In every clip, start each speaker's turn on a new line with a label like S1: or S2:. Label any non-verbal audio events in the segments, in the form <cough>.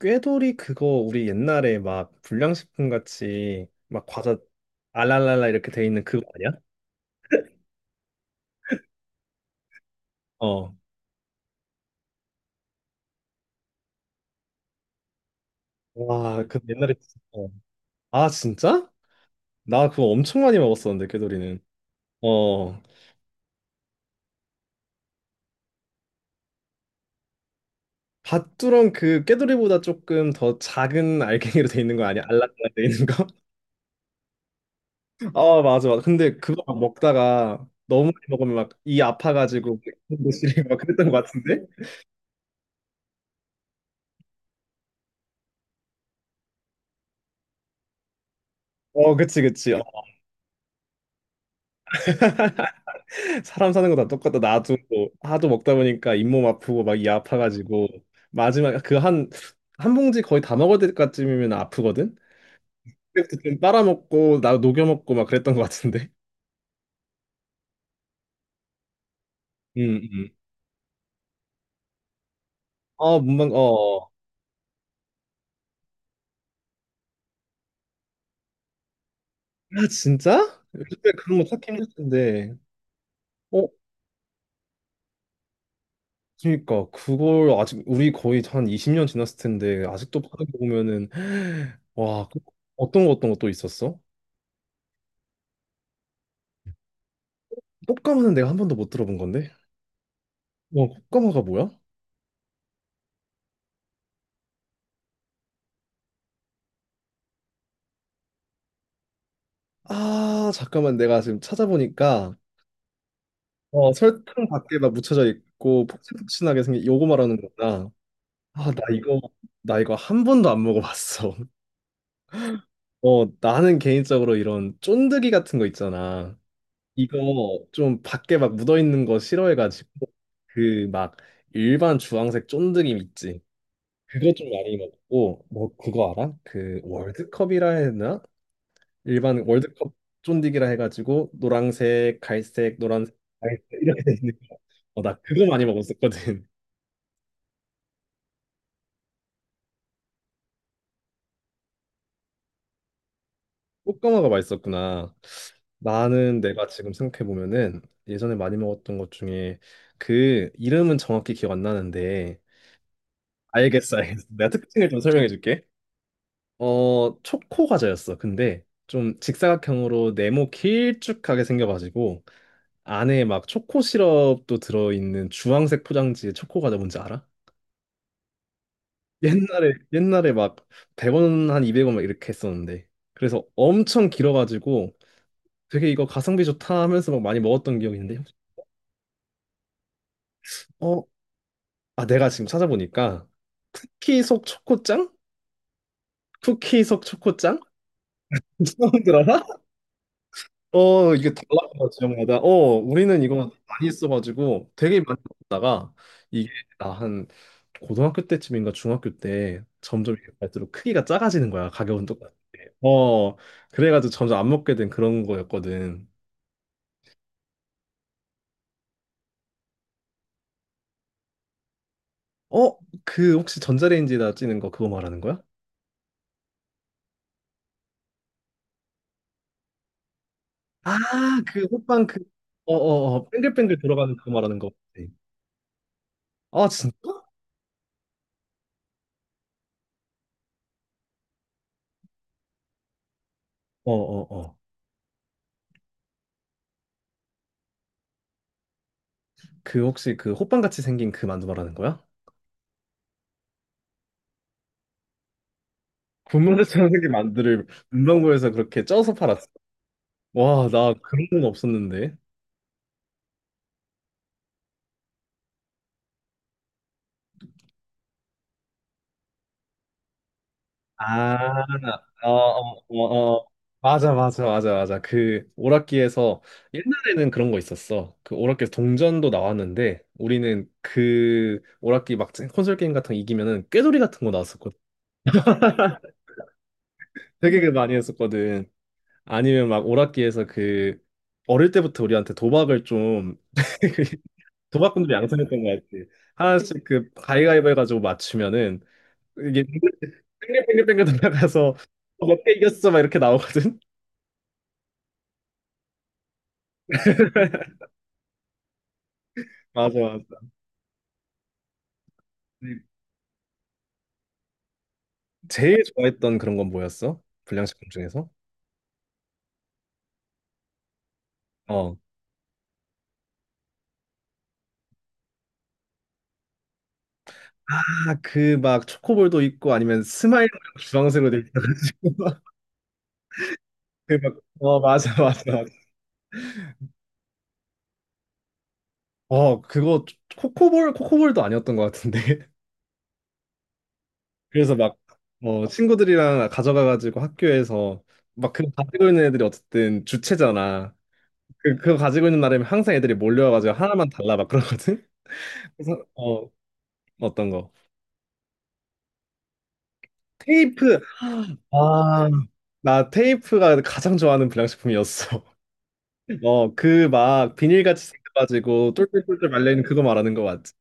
S1: 꾀돌이 그거 우리 옛날에 막 불량식품 같이 막 과자 알랄랄라 이렇게 돼 있는 그거 아니야? 어. 와, 그 옛날에 진짜- 어. 아, 진짜? 나 그거 엄청 많이 먹었었는데 꾀돌이는. 어. 밭두렁 그 꾀돌이보다 조금 더 작은 알갱이로 돼 있는 거 아니야? 알랄랄라 돼 있는 거? <laughs> 아, 맞아, 맞아. 근데 그거 막 먹다가 너무 많이 먹으면 막 이 아파가지고 <laughs> 배고시리막 그랬던 거 같은데? 어, 그치, 그치. 사람 사는 거 다 똑같다. 나도 뭐 하도 먹다 보니까 잇몸 아프고 막 이 아파가지고 마지막 그 한 봉지 거의 다 먹을 때까지면 아프거든. 그때부터 좀 빨아먹고 나 녹여 먹고 막 그랬던 것 같은데. 음, 음. 아, 문방 어. 아, 진짜? 요즘에 그런 거 찾기 힘들 텐데. 어, 그러니까 그걸 아직 우리 거의 한 20년 지났을 텐데 아직도 파는 거 보면은 <sighs> 와, 그- 어떤 거 어떤 거 또 있었어? 꽃가마는 내가 한 번도 못 들어본 건데. 와, 꽃가마가 뭐야? 아, 잠깐만 내가 지금 찾아보니까 어, 설탕 밖에 막 묻혀져 있고 폭신폭신하게 생긴 요거 말하는 거구나. 아, 나 이거 한 번도 안 먹어봤어. <laughs> 어, 나는 개인적으로 이런 쫀득이 같은 거 있잖아. 이거 좀 밖에 막 묻어 있는 거 싫어해가지고 그 막 일반 주황색 쫀득이 있지. 그거 좀 많이 먹고 뭐 그거 알아? 그 월드컵이라 해야 되나? 일반 월드컵 쫀디기라 해가지고 노란색, 갈색, 노란색, 갈색 이렇게 돼 있는 거. 어, 나 그거 많이 먹었었거든. <laughs> 꽃가마가 맛있었구나. 나는 내가 지금 생각해 보면은 예전에 많이 먹었던 것 중에 그 이름은 정확히 기억 안 나는데 알겠어, 알겠어. 내가 특징을 좀 설명해 줄게. 어, 초코 과자였어. 근데 좀 직사각형으로 네모 길쭉하게 생겨가지고 안에 막 초코 시럽도 들어있는 주황색 포장지의 초코 과자 뭔지 알아? 옛날에 막 100원 한 200원 막 이렇게 했었는데 그래서 엄청 길어가지고 되게 이거 가성비 좋다 하면서 막 많이 먹었던 기억이 있는데 어? 아, 내가 지금 찾아보니까 쿠키 속 초코짱? 쿠키 속 초코짱? <laughs> 처음 들어봐? 어, 이게 달라요, 지역마다. 어, 우리는 이거 많이 써가지고 되게 많이 먹다가 이게 나 한 고등학교 때쯤인가 중학교 때 점점 이게 갈수록 크기가 작아지는 거야. 가격은 똑같아. 어, 그래가지고 점점 안 먹게 된 그런 거였거든. 어, 그 혹시 전자레인지에다 찌는 거 그거 말하는 거야? 아, 그 호빵 그, 어, 어, 어, 뱅글뱅글 들어가는 그거 말하는 거. 같아. 아, 진짜? 어, 어, 어. 그 혹시 그 호빵같이 생긴 그 만두 말하는 거야? 분말 천사기 만두를 문방구에서 그렇게 쪄서 팔았어. 와, 나 그런 건 없었는데. 아, 어, 어, 어, 어. 맞아, 맞아, 맞아, 맞아. 그 오락기에서 옛날에는 그런 거 있었어. 그 오락기에서 동전도 나왔는데 우리는 그 오락기 막 콘솔 게임 같은 거 이기면은 꾀돌이 같은 거 나왔었거든. 되게 그 많이 했었거든. 아니면 막 오락기에서 그 어릴 때부터 우리한테 도박을 좀 <laughs> 도박꾼들이 양성했던 거 같지. 하나씩 그 가위가위보 해가지고 맞추면은 이게 뺑글뺑글뺑글 돌아가서 몇 개 이겼어 막 이렇게 나오거든. <laughs> 맞아, 맞아. 제일 좋아했던 그런 건 뭐였어? 불량식품 중에서? 어. 아, 그 막 초코볼도 있고 아니면 스마일 주황색으로 돼 있어가지고 <laughs> 그막 어, 맞아, 맞아, 맞아. 어, 그거 코코볼도 아니었던 것 같은데. <laughs> 그래서 막 어, 친구들이랑 가져가가지고 학교에서 막 그거 가지고 있는 애들이 어쨌든 주체잖아. 그거 가지고 있는 나름 항상 애들이 몰려와가지고 하나만 달라 막 그러거든? 그래서, 어, 어떤 거? 테이프! 아, 나 테이프가 가장 좋아하는 불량식품이었어. <laughs> 어, 그 막 비닐같이 생겨가지고 똘똘똘똘 말려있는 그거 말하는 거 맞지?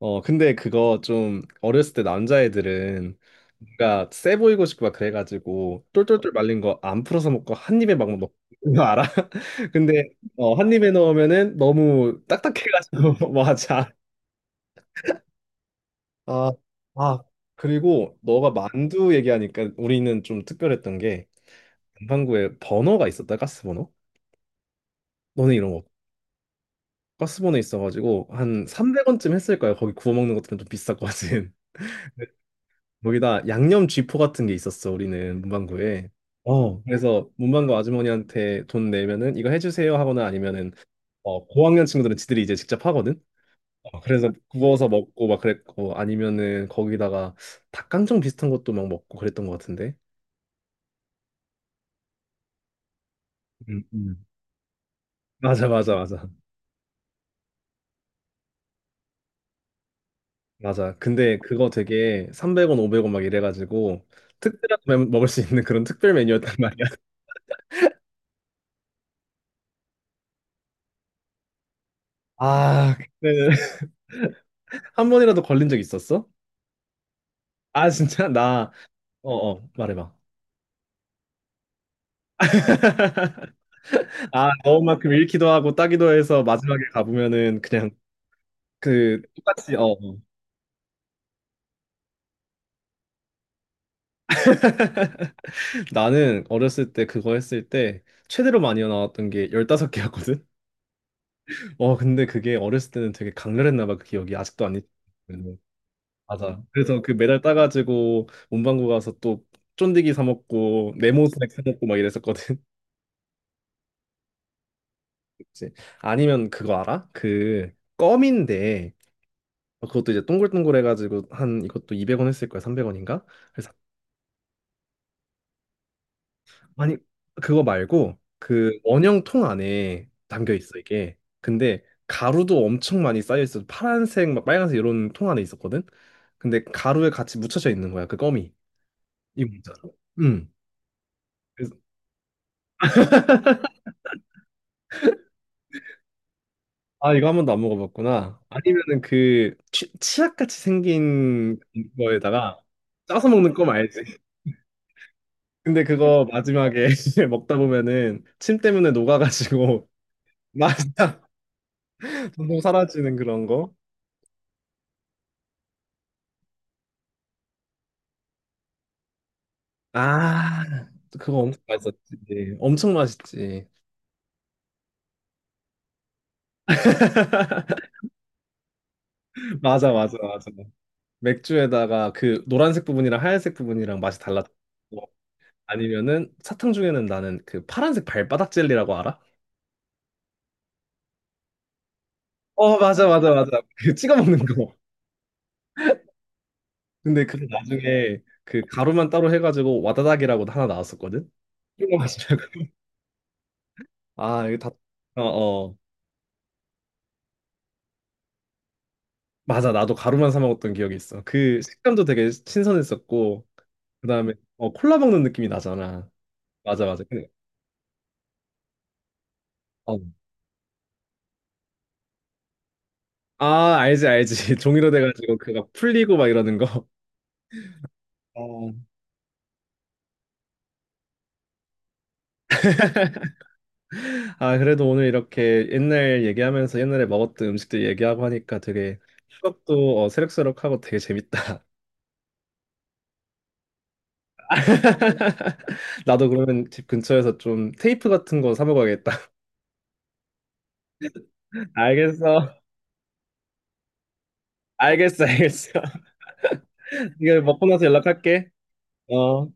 S1: 어, 근데 그거 좀 어렸을 때 남자애들은 뭔가 세 보이고 싶고 막 그래가지고 똘똘똘 말린 거 안 풀어서 먹고 한 입에 막 먹고 그거 알아? <laughs> 근데 어, 한 입에 넣으면은 너무 딱딱해가지고 <laughs> 맞아. 아, 아, 그리고 너가 만두 얘기하니까 우리는 좀 특별했던 게 남반구에 버너가 있었다, 가스버너. 너네 이런 거 가스버너 있어가지고 한 300원쯤 했을 거야. 거기 구워 먹는 것들은 좀 비쌌거든. <laughs> 근데 거기다 양념 쥐포 같은 게 있었어, 우리는 문방구에. 어, 그래서 문방구 아주머니한테 돈 내면은 이거 해주세요 하거나 아니면은 어, 고학년 친구들은 지들이 이제 직접 하거든. 어, 그래서 구워서 먹고 막 그랬고 아니면은 거기다가 닭강정 비슷한 것도 막 먹고 그랬던 것 같은데. 음, 음. 맞아, 맞아, 맞아. 맞아. 근데 그거 되게 300원, 500원 막 이래가지고 특별하게 매- 먹을 수 있는 그런 특별 메뉴였단 말이야. <laughs> 아, 그때는 <laughs> 한 번이라도 걸린 적 있었어? 아, 진짜? 나, 어, 어, 말해봐. <laughs> 아, 넣은 만큼 잃기도 하고 따기도 해서 마지막에 가보면은 그냥 그 똑같이, 어. 어. 나는 어렸을 때 그거 했을 때 최대로 많이 나왔던 게 15개였거든? 어, 근데 그게 어렸을 때는 되게 강렬했나 봐, 그 기억이. 아직도 안 잊... 맞아. 그래서 그 메달 따가지고 문방구 가서 또 쫀디기 사 먹고 네모스낵 사 먹고 막 이랬었거든. <laughs> 그치? 아니면 그거 알아? 그 껌인데 어, 그것도 이제 동글동글 해가지고 한 이것도 200원 했을 거야. 300원인가? 그래서 아니 그거 말고 그 원형 통 안에 담겨 있어 이게. 근데 가루도 엄청 많이 쌓여 있어. 파란색 막 빨간색 이런 통 안에 있었거든. 근데 가루에 같이 묻혀져 있는 거야. 그 껌이. 이거 뭔지 알아? 응. 아, 이거 한 번도 안 먹어봤구나. 아니면은 치약같이 생긴 거에다가 짜서 먹는 껌 알지? 근데 그거 마지막에 <laughs> 먹다 보면은 침 때문에 녹아가지고 <laughs> 맛이 점점 사라지는 그런 거. 아, 그거 엄청 맛있었지. 엄청 맛있지. <laughs> 맞아, 맞아, 맞아. 맥주에다가 그 노란색 부분이랑 하얀색 부분이랑 맛이 달라졌고 아니면은 사탕 중에는 나는 그 파란색 발바닥 젤리라고 알아? 어, 맞아, 맞아, 맞아. 그 찍어 먹는 거. 근데 그게 나중에 그 가루만 따로 해가지고 와다닥이라고 하나 나왔었거든? 이거 마시라고. 아, 이거 다, 어, 어. 맞아. 나도 가루만 사 먹었던 기억이 있어. 그 식감도 되게 신선했었고, 그 다음에, 어, 콜라 먹는 느낌이 나잖아. 맞아, 맞아. 근데, 어. 아, 알지, 알지. <laughs> 종이로 돼가지고 그거 풀리고 막 이러는 거. 어. <laughs> 아, 그래도 오늘 이렇게 옛날 얘기하면서 옛날에 먹었던 음식들 얘기하고 하니까 되게 추억도 어, 새록새록하고 되게 재밌다. <laughs> 나도 그러면 집 근처에서 좀 테이프 같은 거 사 먹어야겠다. <laughs> 알겠어. 알겠어, 알겠어. <laughs> 이거 먹고 나서 연락할게. 어.